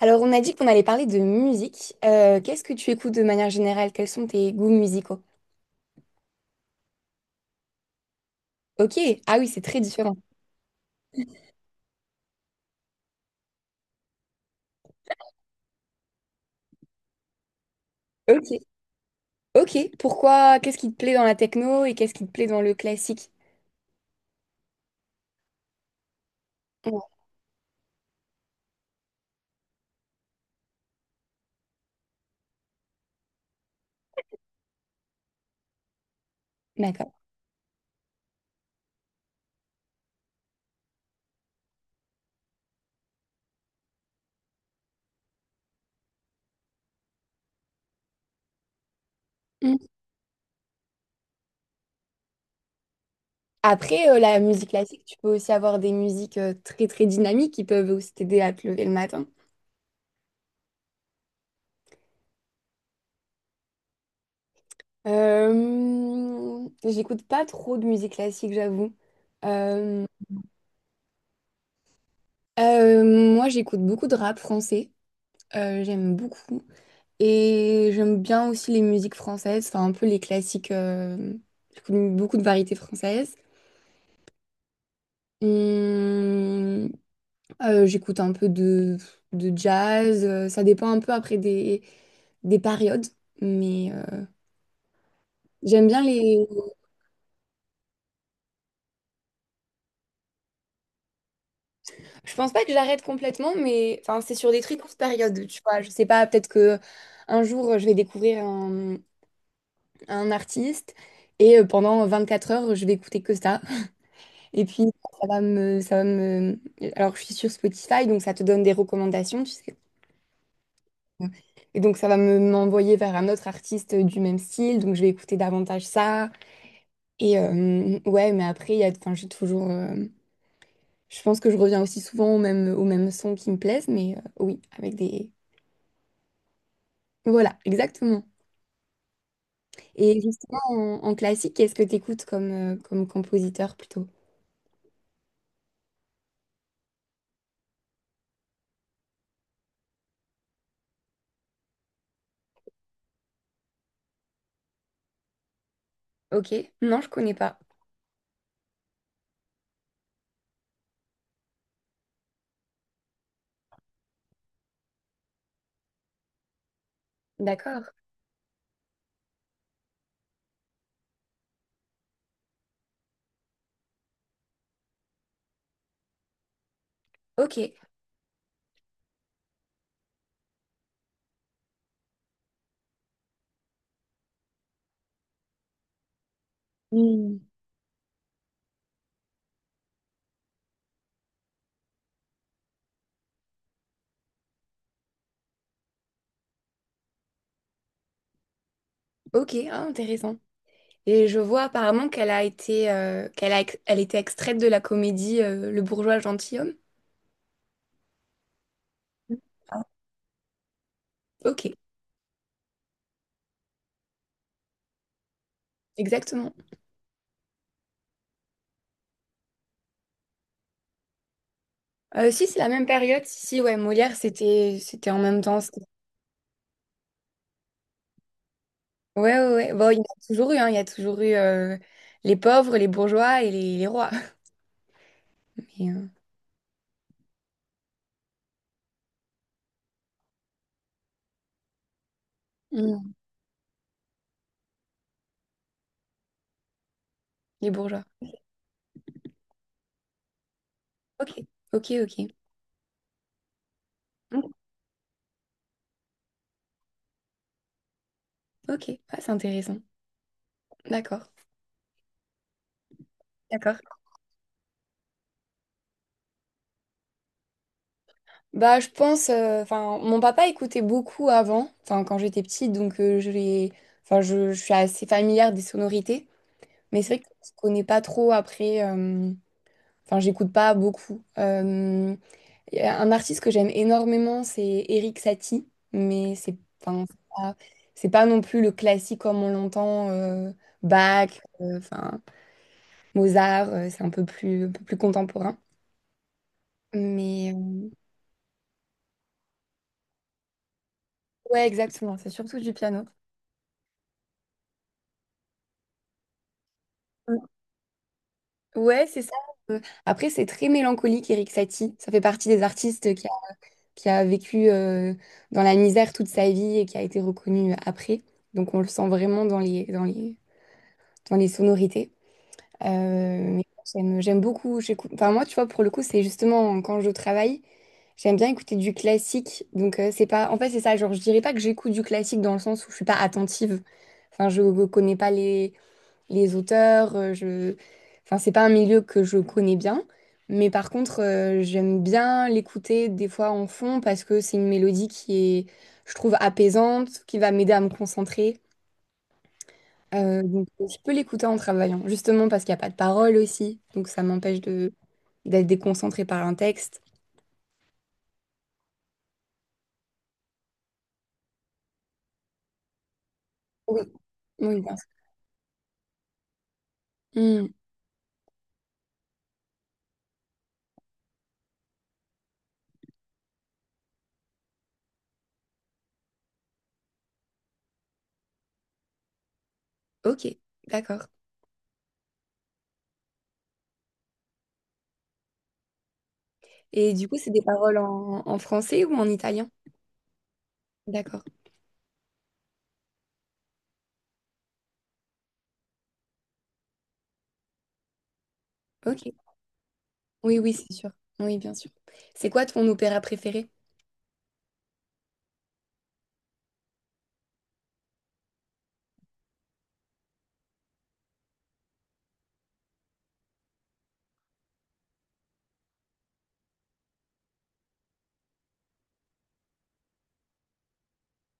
Alors, on a dit qu'on allait parler de musique. Qu'est-ce que tu écoutes de manière générale? Quels sont tes goûts musicaux? Ok, ah oui, c'est très différent. Ok, ok. Pourquoi? Qu'est-ce qui te plaît dans la techno et qu'est-ce qui te plaît dans le classique? Ouais, d'accord. Mm. Après, la musique classique, tu peux aussi avoir des musiques très très dynamiques qui peuvent aussi t'aider à te lever le matin. J'écoute pas trop de musique classique, j'avoue. Euh, moi, j'écoute beaucoup de rap français. J'aime beaucoup. Et j'aime bien aussi les musiques françaises, enfin un peu les classiques, j'écoute beaucoup de variétés françaises. Hum, j'écoute un peu de jazz, ça dépend un peu après des périodes, mais j'aime bien les... Je pense pas que j'arrête complètement, mais enfin c'est sur des très courtes périodes, tu vois. Je sais pas, peut-être que un jour je vais découvrir un artiste et pendant quatre heures je vais écouter que ça. Et puis, ça va me... Alors, je suis sur Spotify, donc ça te donne des recommandations, tu sais. Et donc, ça va me m'envoyer vers un autre artiste du même style, donc je vais écouter davantage ça. Et ouais, mais après, il y a, enfin, j'ai toujours... je pense que je reviens aussi souvent aux mêmes sons qui me plaisent, mais oui, avec des... Voilà, exactement. Et justement, en, en classique, qu'est-ce que tu écoutes comme, comme compositeur plutôt? Ok, non, je connais pas. D'accord. Ok. Hmm. Ok, ah, intéressant. Et je vois apparemment qu'elle a été, qu'elle a, elle était extraite de la comédie Le bourgeois gentilhomme. Ah, ok, exactement. Si, c'est la même période. Si, si, ouais, Molière, c'était, c'était en même temps. Ouais, ouais, ouais. Bon, il y en a toujours eu, hein. Il y a toujours eu les pauvres, les bourgeois et les rois. Mais, euh, mm, les bourgeois. Ok, ok, ok. Mm, ok, ah, c'est intéressant. D'accord. D'accord. Bah, je pense, enfin, mon papa écoutait beaucoup avant, enfin, quand j'étais petite, donc enfin, je suis assez familière des sonorités, mais c'est vrai que je connais pas trop après, enfin, j'écoute pas beaucoup. Y a un artiste que j'aime énormément, c'est Eric Satie, mais c'est, enfin, c'est pas non plus le classique comme on l'entend, Bach, enfin, Mozart, c'est un peu plus contemporain. Mais ouais, exactement, c'est surtout du piano. Ouais, c'est ça. Euh, après, c'est très mélancolique, Eric Satie. Ça fait partie des artistes qui a vécu dans la misère toute sa vie et qui a été reconnu après. Donc, on le sent vraiment dans les, dans les, dans les sonorités. Mais j'aime, j'aime beaucoup. Enfin, moi, tu vois, pour le coup, c'est justement quand je travaille, j'aime bien écouter du classique. Donc, c'est pas... En fait, c'est ça. Genre, je dirais pas que j'écoute du classique dans le sens où je suis pas attentive. Enfin, je connais pas les, les auteurs. Je... Enfin, c'est pas un milieu que je connais bien, mais par contre, j'aime bien l'écouter des fois en fond parce que c'est une mélodie qui est, je trouve, apaisante, qui va m'aider à me concentrer. Donc, je peux l'écouter en travaillant, justement parce qu'il n'y a pas de parole aussi, donc ça m'empêche de d'être déconcentrée par un texte. Oui, oui, bien sûr. Hmm, ok, d'accord. Et du coup, c'est des paroles en, en français ou en italien? D'accord. Ok. Oui, oui, c'est sûr. Oui, bien sûr. C'est quoi ton opéra préféré?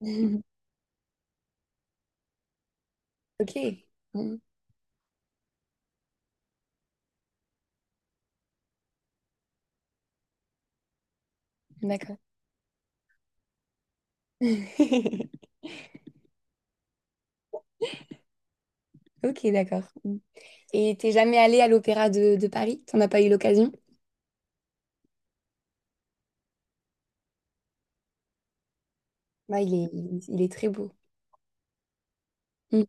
Mhm. Ok. Mm. D'accord. Ok, d'accord. Mm. Et t'es jamais allé à l'Opéra de Paris? T'en as pas eu l'occasion? Bah, il est très beau. Mm.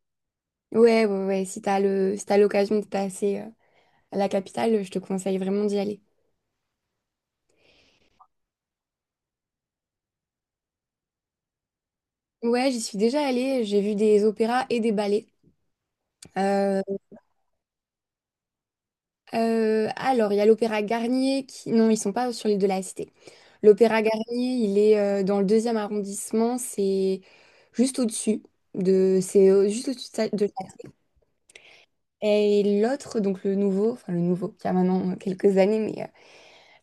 Ouais, ouais, ouais. Si t'as le, si t'as l'occasion de passer à la capitale, je te conseille vraiment d'y aller. Ouais, j'y suis déjà allée. J'ai vu des opéras et des ballets. Euh, alors, il y a l'Opéra Garnier qui... Non, ils sont pas sur l'île de la Cité. L'Opéra Garnier, il est dans le deuxième arrondissement, c'est juste au-dessus de... C'est juste au-dessus de... de ça. Et l'autre, donc le nouveau, enfin le nouveau, qui a maintenant quelques années, mais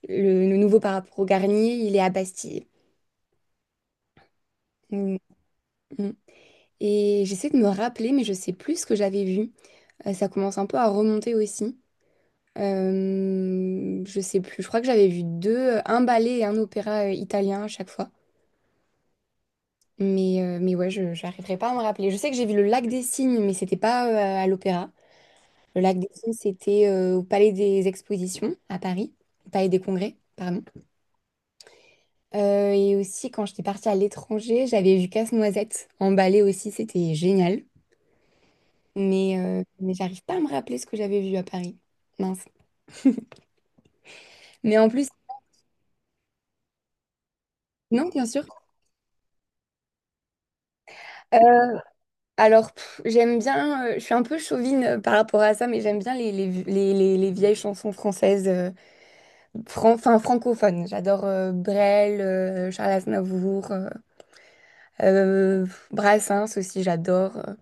le nouveau par rapport au Garnier, il est à Bastille. Mm, mm. Et j'essaie de me rappeler, mais je sais plus ce que j'avais vu. Ça commence un peu à remonter aussi. Je sais plus, je crois que j'avais vu deux, un ballet et un opéra italien à chaque fois. Mais ouais, je j'arriverai pas à me rappeler. Je sais que j'ai vu le Lac des Cygnes, mais c'était pas à l'opéra. Le Lac des Cygnes, c'était au Palais des Expositions à Paris, au Palais des Congrès, pardon. Et aussi, quand j'étais partie à l'étranger, j'avais vu Casse-Noisette en ballet aussi, c'était génial. Mais j'arrive pas à me rappeler ce que j'avais vu à Paris. Mince. Mais en plus, non, bien sûr. Euh, Alors, pff, j'aime bien, je suis un peu chauvine par rapport à ça, mais j'aime bien les, les vieilles chansons françaises, enfin francophones. J'adore Brel, Charles Aznavour, euh, Brassens aussi, j'adore.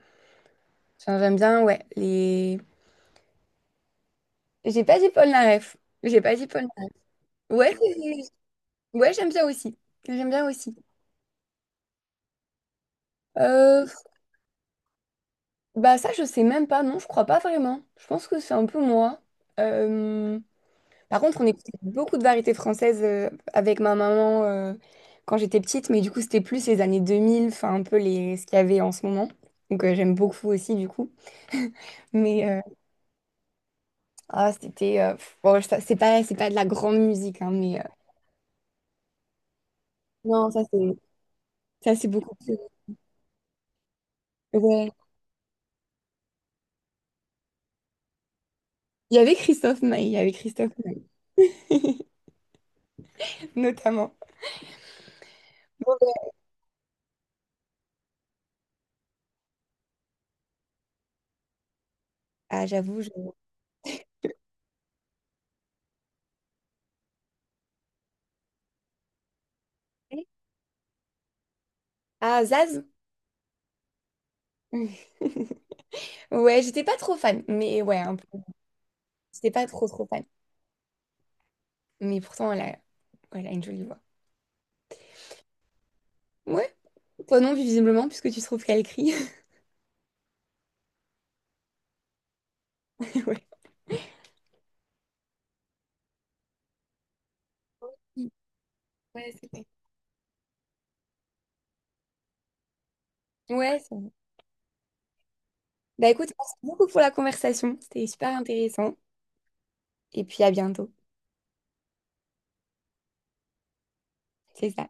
Enfin, j'aime bien, ouais, les... J'ai pas dit Paul Naref. J'ai pas dit Paul Naref. Ouais, ouais, j'aime bien aussi. J'aime bien aussi. Euh, bah ça, je sais même pas, non, je crois pas vraiment. Je pense que c'est un peu moi. Euh, Par contre, on écoutait beaucoup de variétés françaises avec ma maman quand j'étais petite, mais du coup, c'était plus les années 2000, enfin un peu les... ce qu'il y avait en ce moment. Donc j'aime beaucoup aussi du coup. Mais ah, c'était... pff, bon, c'est pas de la grande musique, hein, mais... non, ça c'est beaucoup plus... Ouais. Il y avait Christophe Maé, il y avait Christophe Maé, notamment. Ah, j'avoue, je... Ah, Zaz? Ouais, j'étais pas trop fan, mais ouais, un peu. J'étais pas trop trop fan. Mais pourtant, elle a, elle a une jolie voix. Ouais, toi non, visiblement, puisque tu trouves qu'elle crie. Ouais. Ouais, c'est vrai. Ouais, c'est vrai. Bah écoute, merci beaucoup pour la conversation. C'était super intéressant. Et puis à bientôt. C'est ça.